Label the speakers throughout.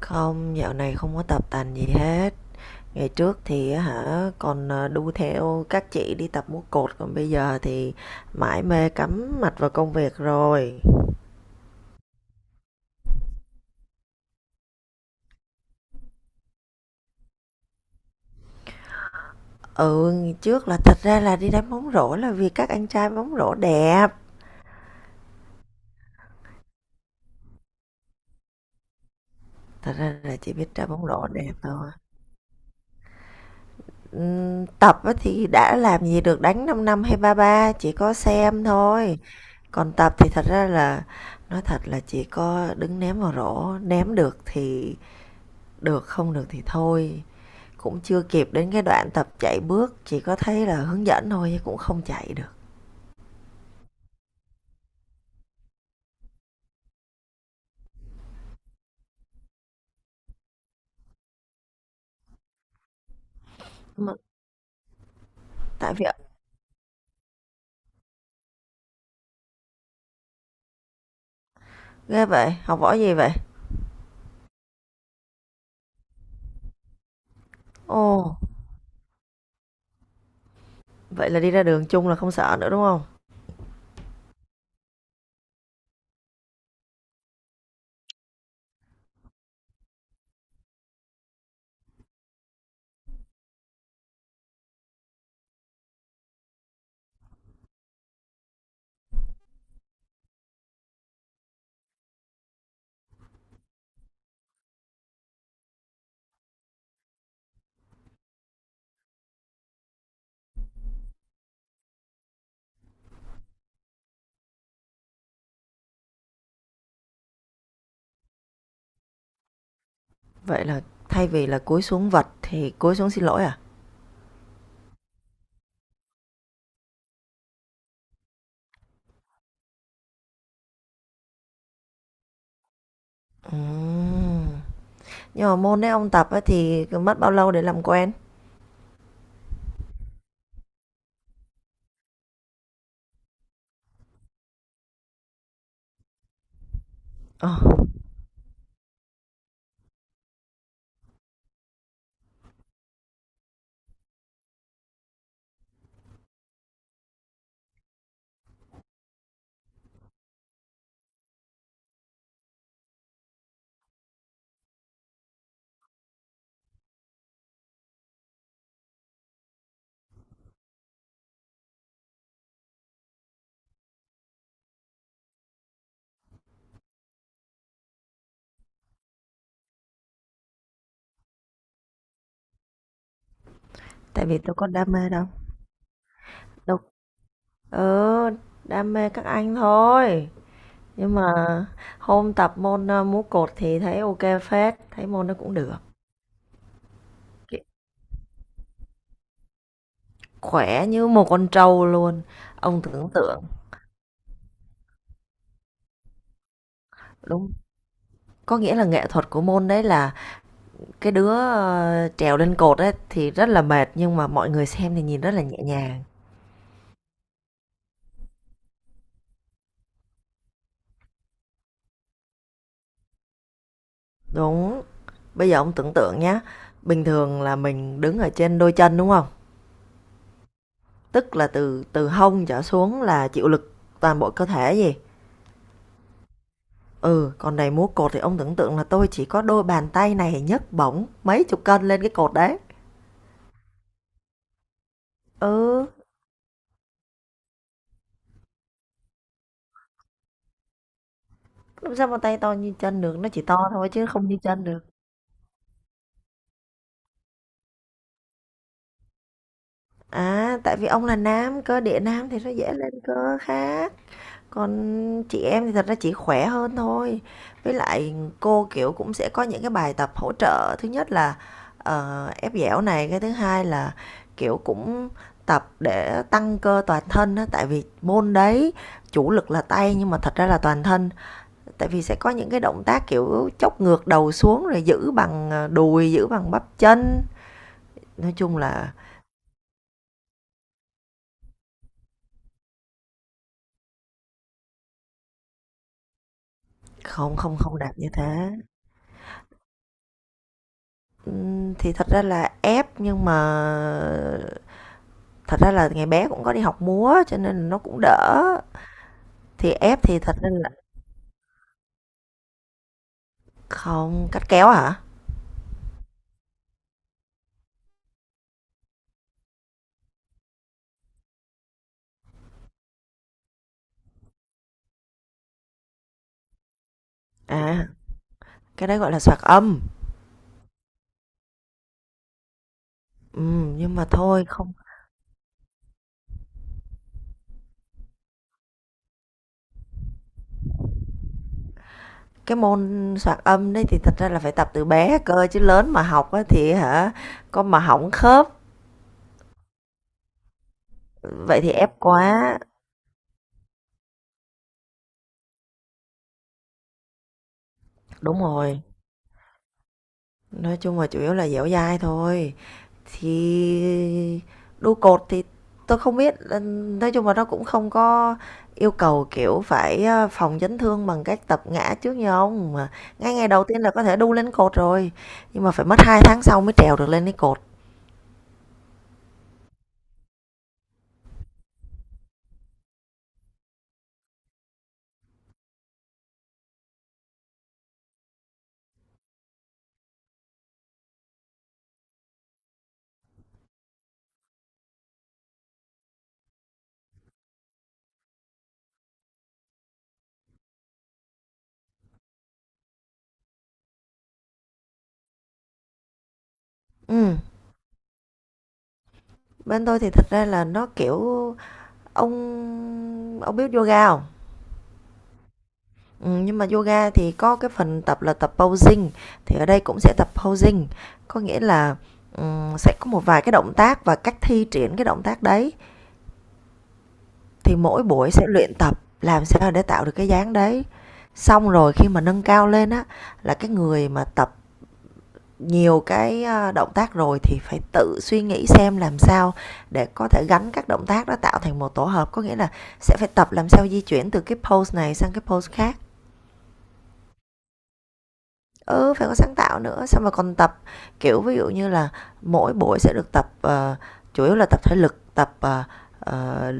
Speaker 1: Không, dạo này không có tập tành gì hết. Ngày trước thì á hả còn đu theo các chị đi tập múa cột, còn bây giờ thì mải mê cắm mặt vào công việc rồi. Ừ, ngày trước là thật ra là đi đánh bóng rổ là vì các anh trai bóng rổ đẹp. Thật ra là chỉ biết ra bóng rổ đẹp thôi. Tập á thì đã làm gì được, đánh 5 năm hay ba ba chỉ có xem thôi. Còn tập thì thật ra là nói thật là chỉ có đứng ném vào rổ, ném được thì được, không được thì thôi, cũng chưa kịp đến cái đoạn tập chạy bước, chỉ có thấy là hướng dẫn thôi chứ cũng không chạy được mà. Tại vì ghê vậy, học võ gì vậy? Ồ, vậy là đi ra đường chung là không sợ nữa đúng không? Vậy là thay vì là cúi xuống vật thì cúi xuống xin lỗi à? Ừm, nhưng mà môn đấy ông tập ấy thì mất bao lâu để làm quen? ờ Tại vì tôi có đam mê đâu. Đâu, ừ, đam mê các anh thôi. Nhưng mà hôm tập môn, múa cột thì thấy ok kê phết, thấy môn nó cũng được. Ki Khỏe như một con trâu luôn. Ông tưởng tượng đúng, có nghĩa là nghệ thuật của môn đấy là cái đứa, trèo lên cột ấy thì rất là mệt, nhưng mà mọi người xem thì nhìn rất là nhẹ nhàng. Đúng. Bây giờ ông tưởng tượng nhá, bình thường là mình đứng ở trên đôi chân, đúng không? Tức là từ từ hông trở xuống là chịu lực toàn bộ cơ thể gì? Ừ, còn này múa cột thì ông tưởng tượng là tôi chỉ có đôi bàn tay này nhấc bổng mấy chục cân lên cái cột đấy. Ừ, làm sao mà tay to như chân được, nó chỉ to thôi chứ không như chân được. À, tại vì ông là nam, cơ địa nam thì nó dễ lên cơ khá. Còn chị em thì thật ra chỉ khỏe hơn thôi. Với lại cô, kiểu, cũng sẽ có những cái bài tập hỗ trợ, thứ nhất là, ép dẻo này, cái thứ hai là, kiểu, cũng tập để tăng cơ toàn thân đó, tại vì môn đấy chủ lực là tay nhưng mà thật ra là toàn thân. Tại vì sẽ có những cái động tác, kiểu, chốc ngược đầu xuống rồi giữ bằng, đùi, giữ bằng bắp chân. Nói chung là không không không đạt như thế. Thì thật ra là ép nhưng mà thật ra là ngày bé cũng có đi học múa cho nên nó cũng đỡ. Thì ép thì thật ra là không cắt kéo hả? À, cái đấy gọi là soạt âm. Ừ, nhưng mà thôi không, cái môn soạt âm đấy thì thật ra là phải tập từ bé cơ, chứ lớn mà học á thì hả con mà hỏng khớp. Vậy thì ép quá. Đúng rồi. Nói chung là chủ yếu là dẻo dai thôi. Thì đu cột thì tôi không biết, nói chung là nó cũng không có yêu cầu, kiểu, phải, phòng chấn thương bằng cách tập ngã trước như ông, mà ngay ngày đầu tiên là có thể đu lên cột rồi, nhưng mà phải mất 2 tháng sau mới trèo được lên cái cột. Ừm, bên tôi thì thật ra là nó, kiểu, ông biết yoga không? Nhưng mà yoga thì có cái phần tập là tập posing, thì ở đây cũng sẽ tập posing, có nghĩa là, sẽ có một vài cái động tác và cách thi triển cái động tác đấy. Thì mỗi buổi sẽ luyện tập làm sao để tạo được cái dáng đấy. Xong rồi khi mà nâng cao lên á, là cái người mà tập nhiều cái, động tác rồi thì phải tự suy nghĩ xem làm sao để có thể gắn các động tác đó tạo thành một tổ hợp. Có nghĩa là sẽ phải tập làm sao di chuyển từ cái pose này sang cái pose khác. Ừ, phải có sáng tạo nữa, xong rồi còn tập, kiểu, ví dụ như là mỗi buổi sẽ được tập, chủ yếu là tập thể lực, tập, ờ,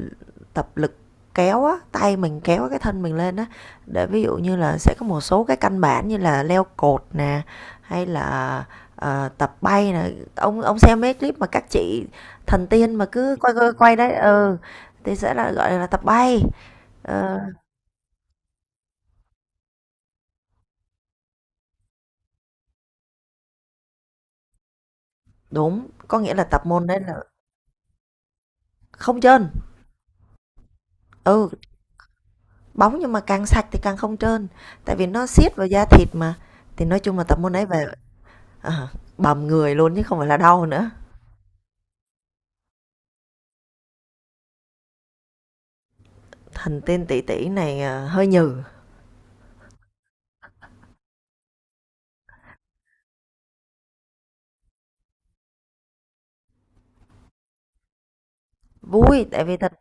Speaker 1: tập lực kéo á, tay mình kéo cái thân mình lên á. Để ví dụ như là sẽ có một số cái căn bản như là leo cột nè, hay là, tập bay nè. Ông xem mấy clip mà các chị thần tiên mà cứ quay quay quay đấy, ừ, thì sẽ là, gọi là, tập bay. Ờ, đúng, có nghĩa là tập môn đấy là không chênh, ừ. Bóng nhưng mà càng sạch thì càng không trơn, tại vì nó siết vào da thịt mà. Thì nói chung là tập môn đấy về ờ, bầm người luôn chứ không phải là đau nữa. Thành tên tỷ tỷ này, hơi nhừ, vui, tại vì thật.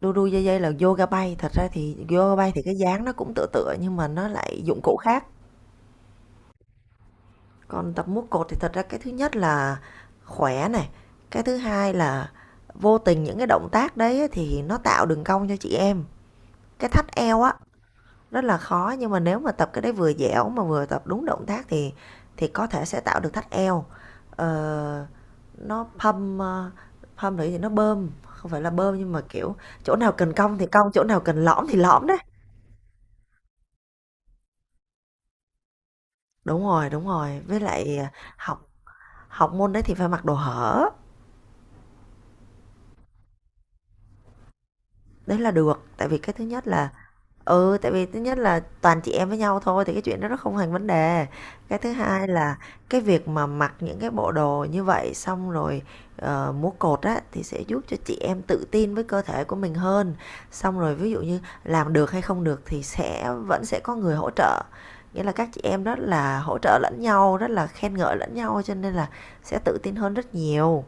Speaker 1: Đu đu dây dây là yoga bay, thật ra thì yoga bay thì cái dáng nó cũng tựa tựa nhưng mà nó lại dụng cụ khác. Còn tập múa cột thì thật ra cái thứ nhất là khỏe này, cái thứ hai là vô tình những cái động tác đấy thì nó tạo đường cong cho chị em. Cái thắt eo á, rất là khó nhưng mà nếu mà tập cái đấy vừa dẻo mà vừa tập đúng động tác thì có thể sẽ tạo được thắt eo, ờ, nó pump, pump nữa thì nó bơm, không phải là bơm nhưng mà kiểu chỗ nào cần cong thì cong, chỗ nào cần lõm thì lõm đấy. Đúng rồi, với lại học học môn đấy thì phải mặc đồ hở. Đấy là được, tại vì cái thứ nhất là, ừ, tại vì thứ nhất là toàn chị em với nhau thôi thì cái chuyện đó nó không thành vấn đề. Cái thứ hai là cái việc mà mặc những cái bộ đồ như vậy, xong rồi múa cột á thì sẽ giúp cho chị em tự tin với cơ thể của mình hơn. Xong rồi ví dụ như làm được hay không được thì sẽ vẫn sẽ có người hỗ trợ. Nghĩa là các chị em rất là hỗ trợ lẫn nhau, rất là khen ngợi lẫn nhau cho nên là sẽ tự tin hơn rất nhiều.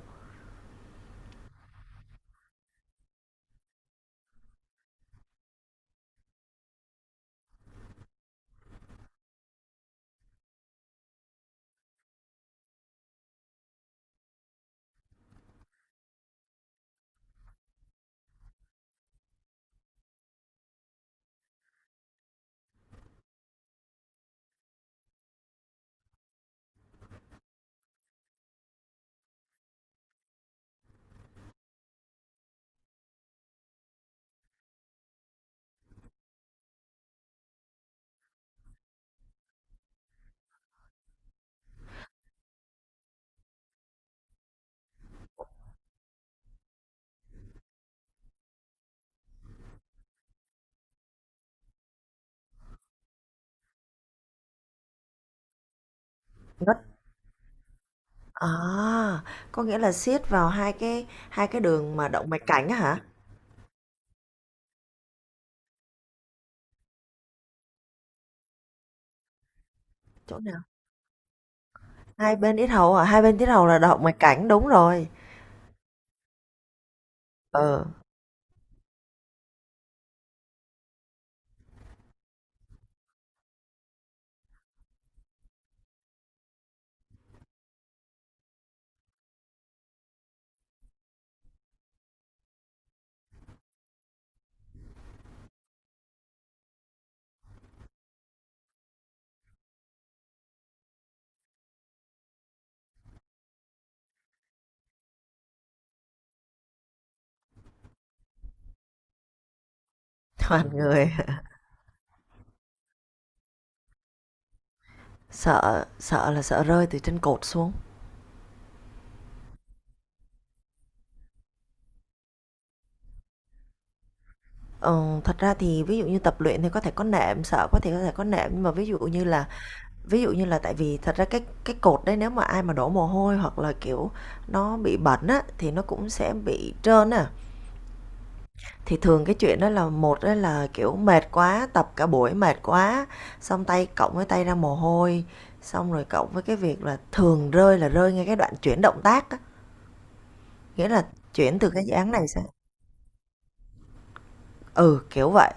Speaker 1: Rất à, có nghĩa là siết vào hai cái đường mà động mạch cảnh á hả? Chỗ nào? Hai bên yết hầu à? Hai bên yết hầu là động mạch cảnh, đúng rồi. Ờ, toàn người sợ, sợ là sợ rơi từ trên cột xuống. Ờ, thật ra thì ví dụ như tập luyện thì có thể có nệm, sợ có thể có nệm, nhưng mà ví dụ như là tại vì thật ra cái cột đấy nếu mà ai mà đổ mồ hôi hoặc là kiểu nó bị bẩn á thì nó cũng sẽ bị trơn á. Thì thường cái chuyện đó là một đó là, kiểu, mệt quá, tập cả buổi mệt quá, xong tay cộng với tay ra mồ hôi, xong rồi cộng với cái việc là thường rơi là rơi ngay cái đoạn chuyển động tác á, nghĩa là chuyển từ cái dự án này sang, ừ, kiểu vậy.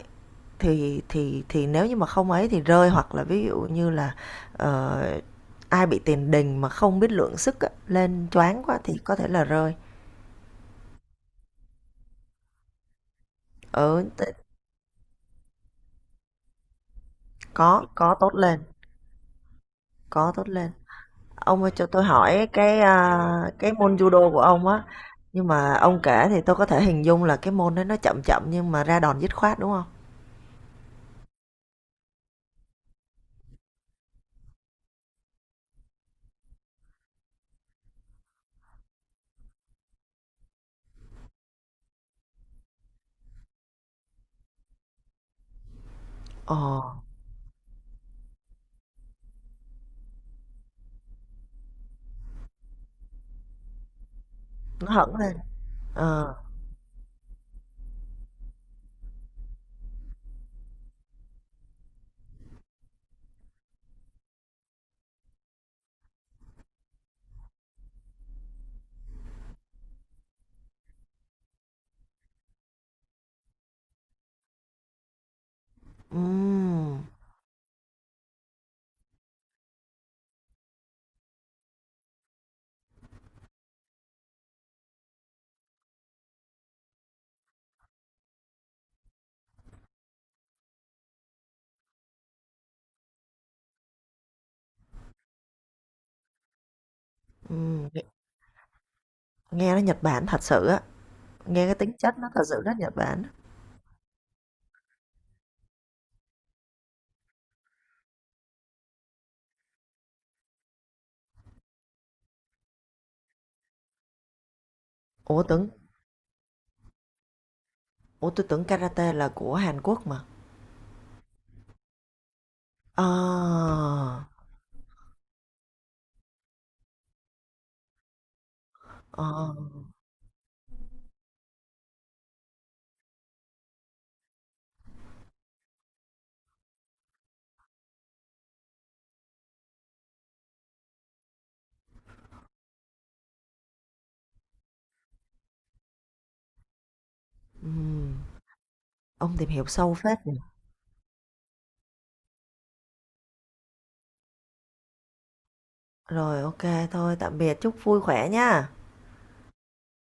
Speaker 1: Thì nếu như mà không ấy thì rơi, hoặc là ví dụ như là, ờ, ai bị tiền đình mà không biết lượng sức á, lên choáng quá thì có thể là rơi. Ừ, t Có tốt lên, có tốt lên. Ông ơi cho tôi hỏi cái cái môn judo của ông á, nhưng mà ông kể thì tôi có thể hình dung là cái môn đấy nó chậm chậm nhưng mà ra đòn dứt khoát đúng không? Ồ, nó hẳn lên. Ờ, ừm, Nghe, nghe nó Nhật Bản thật sự á, nghe cái tính chất nó thật sự rất Nhật Bản. Ủa tưởng, ủa tôi tưởng karate là của Hàn Quốc mà. Ờ, ờ, ừm, ông tìm hiểu sâu phết nhỉ. Rồi ok, thôi, tạm biệt, chúc vui khỏe nha.